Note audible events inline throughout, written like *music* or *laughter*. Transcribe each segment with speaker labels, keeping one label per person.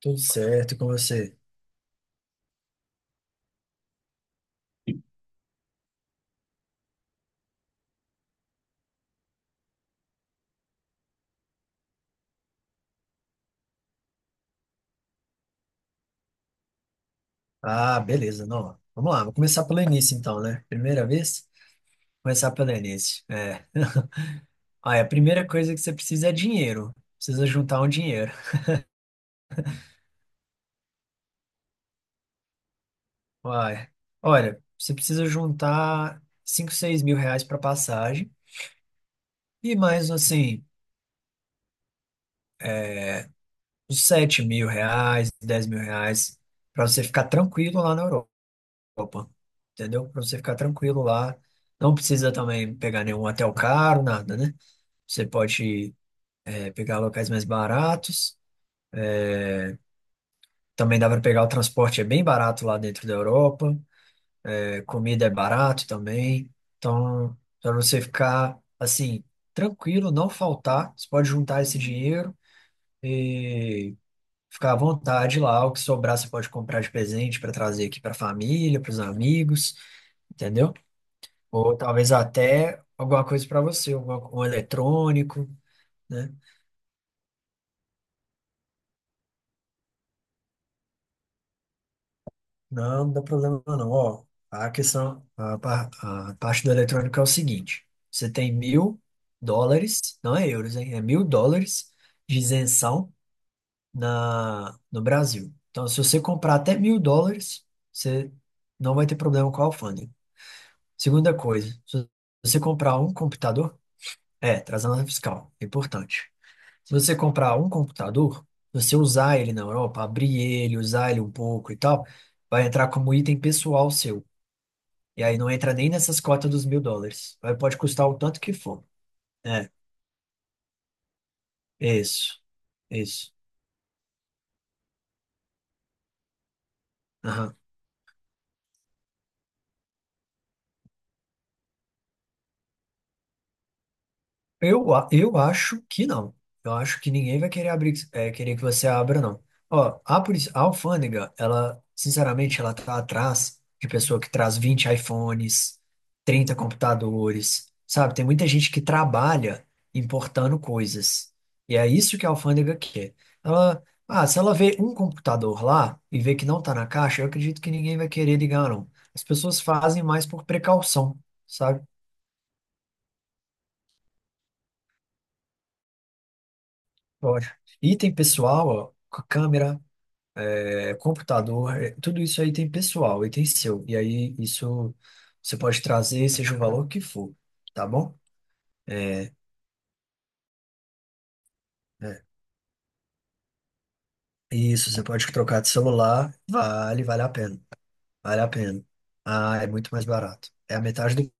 Speaker 1: Tudo certo com você? Ah, beleza, não. Vamos lá, vou começar pelo início então, né? Primeira vez? Começar pelo início. É. *laughs* Olha, a primeira coisa que você precisa é dinheiro. Precisa juntar um dinheiro. Uai. Olha, você precisa juntar 5, 6 mil reais para passagem e mais, assim, uns 7 mil reais, 10 mil reais para você ficar tranquilo lá na Europa. Entendeu? Para você ficar tranquilo lá. Não precisa também pegar nenhum hotel caro, nada, né? Você pode pegar locais mais baratos. Também dá para pegar o transporte, é bem barato lá dentro da Europa. É, comida é barato também. Então, para você ficar assim, tranquilo, não faltar, você pode juntar esse dinheiro e ficar à vontade lá. O que sobrar você pode comprar de presente para trazer aqui para a família, para os amigos, entendeu? Ou talvez até alguma coisa para você, um eletrônico, né? Não, não dá problema não. Ó, a questão, a parte do eletrônico é o seguinte: você tem mil dólares, não é euros, hein? É mil dólares de isenção no Brasil. Então, se você comprar até mil dólares, você não vai ter problema com a alfândega. Segunda coisa, se você comprar um computador, trazendo fiscal, é importante. Se você comprar um computador, você usar ele na Europa, abrir ele, usar ele um pouco e tal, vai entrar como item pessoal seu. E aí não entra nem nessas cotas dos mil dólares. Aí pode custar o tanto que for. É, isso, isso. Aham. Eu acho que não. Eu acho que ninguém vai querer abrir, querer que você abra, não. Ó, a alfândega, ela, sinceramente, ela tá atrás de pessoa que traz 20 iPhones, 30 computadores, sabe? Tem muita gente que trabalha importando coisas. E é isso que a alfândega quer. Ela, Se ela vê um computador lá e vê que não tá na caixa, eu acredito que ninguém vai querer ligar, não. As pessoas fazem mais por precaução, sabe? Pode. Item pessoal, ó, câmera, computador, tudo isso aí tem pessoal e tem seu. E aí isso você pode trazer, seja o valor que for, tá bom? É, é. Isso, você pode trocar de celular, vale a pena. Vale a pena. Ah, é muito mais barato. É a metade do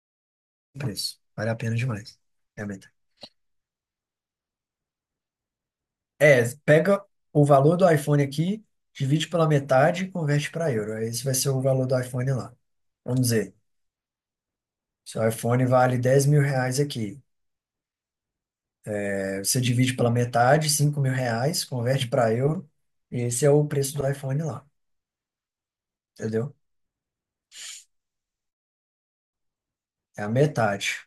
Speaker 1: preço. Vale a pena demais. É a metade. É, pega o valor do iPhone aqui, divide pela metade e converte para euro. Esse vai ser o valor do iPhone lá. Vamos dizer. Seu iPhone vale R$ 10.000 aqui. É, você divide pela metade, R$ 5.000, converte para euro, e esse é o preço do iPhone lá, entendeu? É a metade.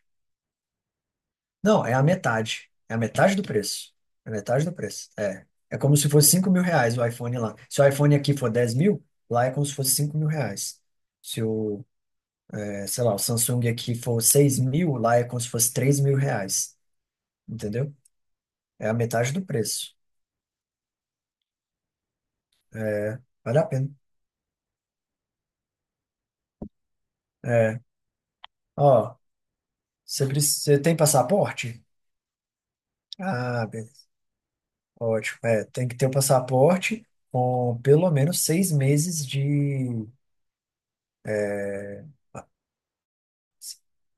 Speaker 1: Não, é a metade. É a metade do preço. É a metade do preço. É. É como se fosse 5 mil reais o iPhone lá. Se o iPhone aqui for 10 mil, lá é como se fosse 5 mil reais. Se o, sei lá, o Samsung aqui for 6 mil, lá é como se fosse R$ 3.000. Entendeu? É a metade do preço. É, vale a pena. É. Ó, você tem passaporte? Ah, beleza. Ótimo. É, tem que ter o passaporte com pelo menos 6 meses de.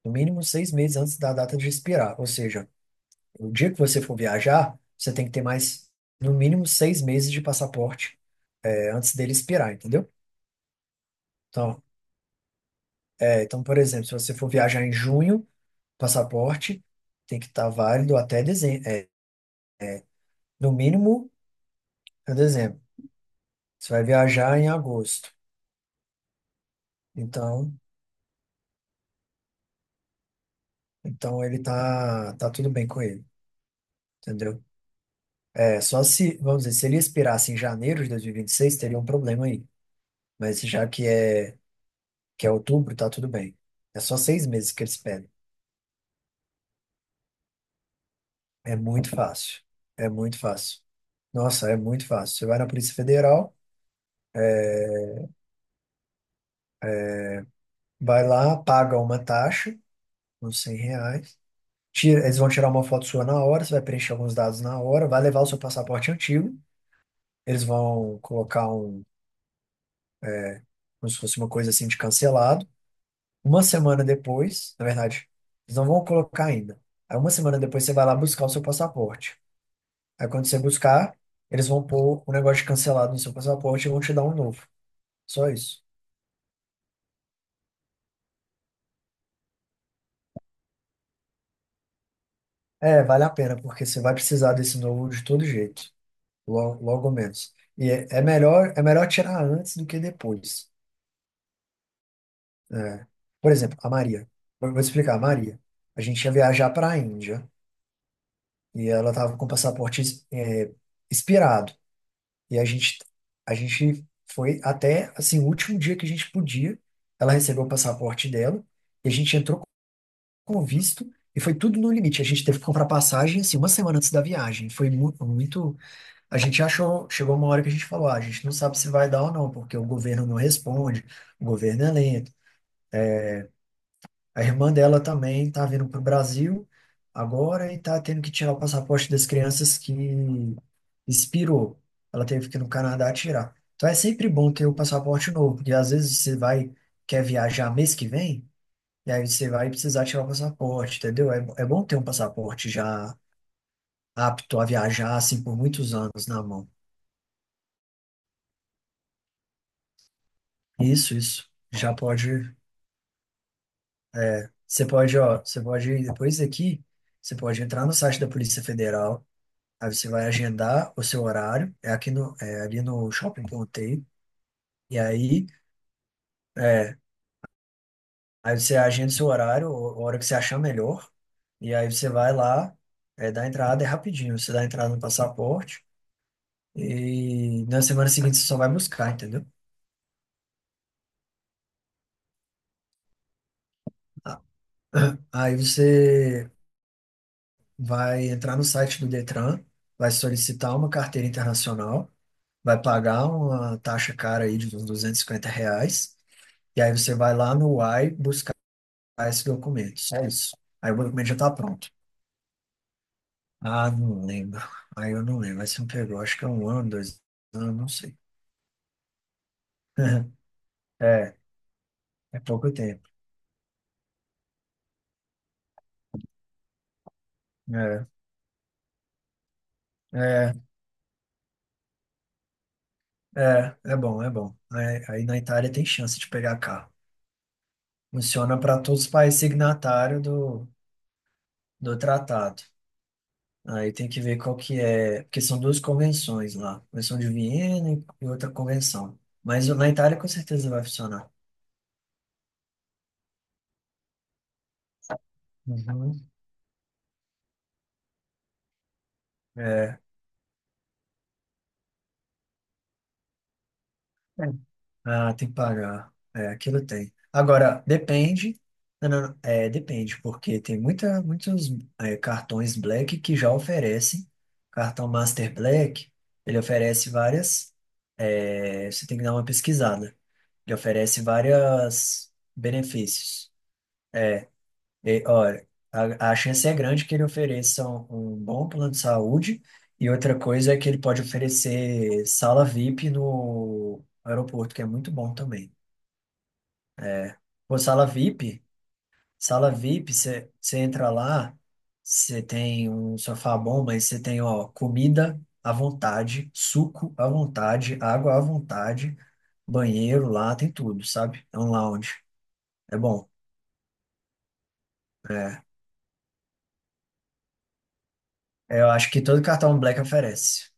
Speaker 1: No mínimo seis meses antes da data de expirar. Ou seja, o dia que você for viajar, você tem que ter mais, no mínimo, seis meses de passaporte, antes dele expirar, entendeu? Então, por exemplo, se você for viajar em junho, o passaporte tem que estar válido até dezembro. É, no mínimo, é dezembro. Você vai viajar em agosto. Então. Então ele tá tudo bem com ele, entendeu? É, só se, vamos dizer, se ele expirasse em janeiro de 2026, teria um problema aí. Mas já que é outubro, tá tudo bem. É só seis meses que eles pedem. É muito fácil. É muito fácil. Nossa, é muito fácil. Você vai na Polícia Federal, vai lá, paga uma taxa, uns R$ 100. Tira, eles vão tirar uma foto sua na hora, você vai preencher alguns dados na hora, vai levar o seu passaporte antigo. Eles vão colocar um, como se fosse uma coisa assim de cancelado. Uma semana depois, na verdade, eles não vão colocar ainda. Aí uma semana depois você vai lá buscar o seu passaporte. Aí quando você buscar, eles vão pôr o negócio de cancelado no seu passaporte e vão te dar um novo. Só isso. É, vale a pena, porque você vai precisar desse novo de todo jeito. Logo, logo menos. E é melhor tirar antes do que depois. É. Por exemplo, a Maria. Eu vou te explicar, a Maria. A gente ia viajar para a Índia e ela estava com o passaporte, é, expirado. E a gente foi até, assim, o último dia que a gente podia. Ela recebeu o passaporte dela e a gente entrou com o visto e foi tudo no limite. A gente teve que comprar passagem, assim, uma semana antes da viagem. Foi muito... A gente achou. Chegou uma hora que a gente falou, ah, a gente não sabe se vai dar ou não, porque o governo não responde, o governo é lento. A irmã dela também está vindo para o Brasil agora e está tendo que tirar o passaporte das crianças que expirou. Ela teve que ir no Canadá tirar. Então é sempre bom ter o passaporte novo, porque às vezes você vai, quer viajar mês que vem, e aí você vai precisar tirar o passaporte, entendeu? É bom ter um passaporte já apto a viajar, assim, por muitos anos na mão. Isso, isso. Já pode. Você pode, ó, você pode, depois daqui, você pode entrar no site da Polícia Federal. Aí você vai agendar o seu horário, é aqui no, é ali no shopping que eu montei. E aí, é, aí você agenda o seu horário, a hora que você achar melhor. E aí você vai lá, dá a entrada, é rapidinho. Você dá a entrada no passaporte e na semana seguinte você só vai buscar, entendeu? Ah, *clears throat* aí você vai entrar no site do Detran, vai solicitar uma carteira internacional, vai pagar uma taxa cara aí de uns R$ 250. E aí você vai lá no uai. Ah, esse documento, só isso. Aí o documento já tá pronto. Ah, não lembro. Aí eu não lembro. Aí você me pegou, acho que é um ano, 2 anos, não sei. *laughs* É, é pouco tempo. É, é, é bom. Aí, na Itália tem chance de pegar carro. Funciona para todos os países signatários do tratado. Aí tem que ver qual que é, porque são duas convenções lá, Convenção de Viena e outra convenção. Mas na Itália com certeza vai funcionar. Uhum. É. Ah, tem que pagar. É, aquilo tem. Agora, depende. Não, não, não, depende, porque tem muitos cartões Black que já oferecem. Cartão Master Black, ele oferece várias. Você tem que dar uma pesquisada. Ele oferece vários benefícios. E, olha, a chance é grande que ele ofereça um bom plano de saúde, e outra coisa é que ele pode oferecer sala VIP no aeroporto, que é muito bom também. É. Pô, sala VIP, sala VIP, você entra lá, você tem um sofá bom, mas você tem, ó, comida à vontade, suco à vontade, água à vontade, banheiro lá, tem tudo, sabe? É um lounge. É bom. É. É, eu acho que todo cartão Black oferece.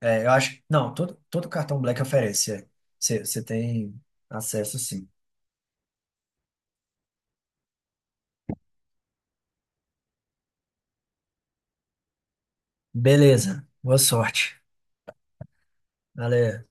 Speaker 1: É, eu acho. Não, todo cartão Black oferece. É. Você tem acesso, sim. Beleza. Boa sorte. Valeu.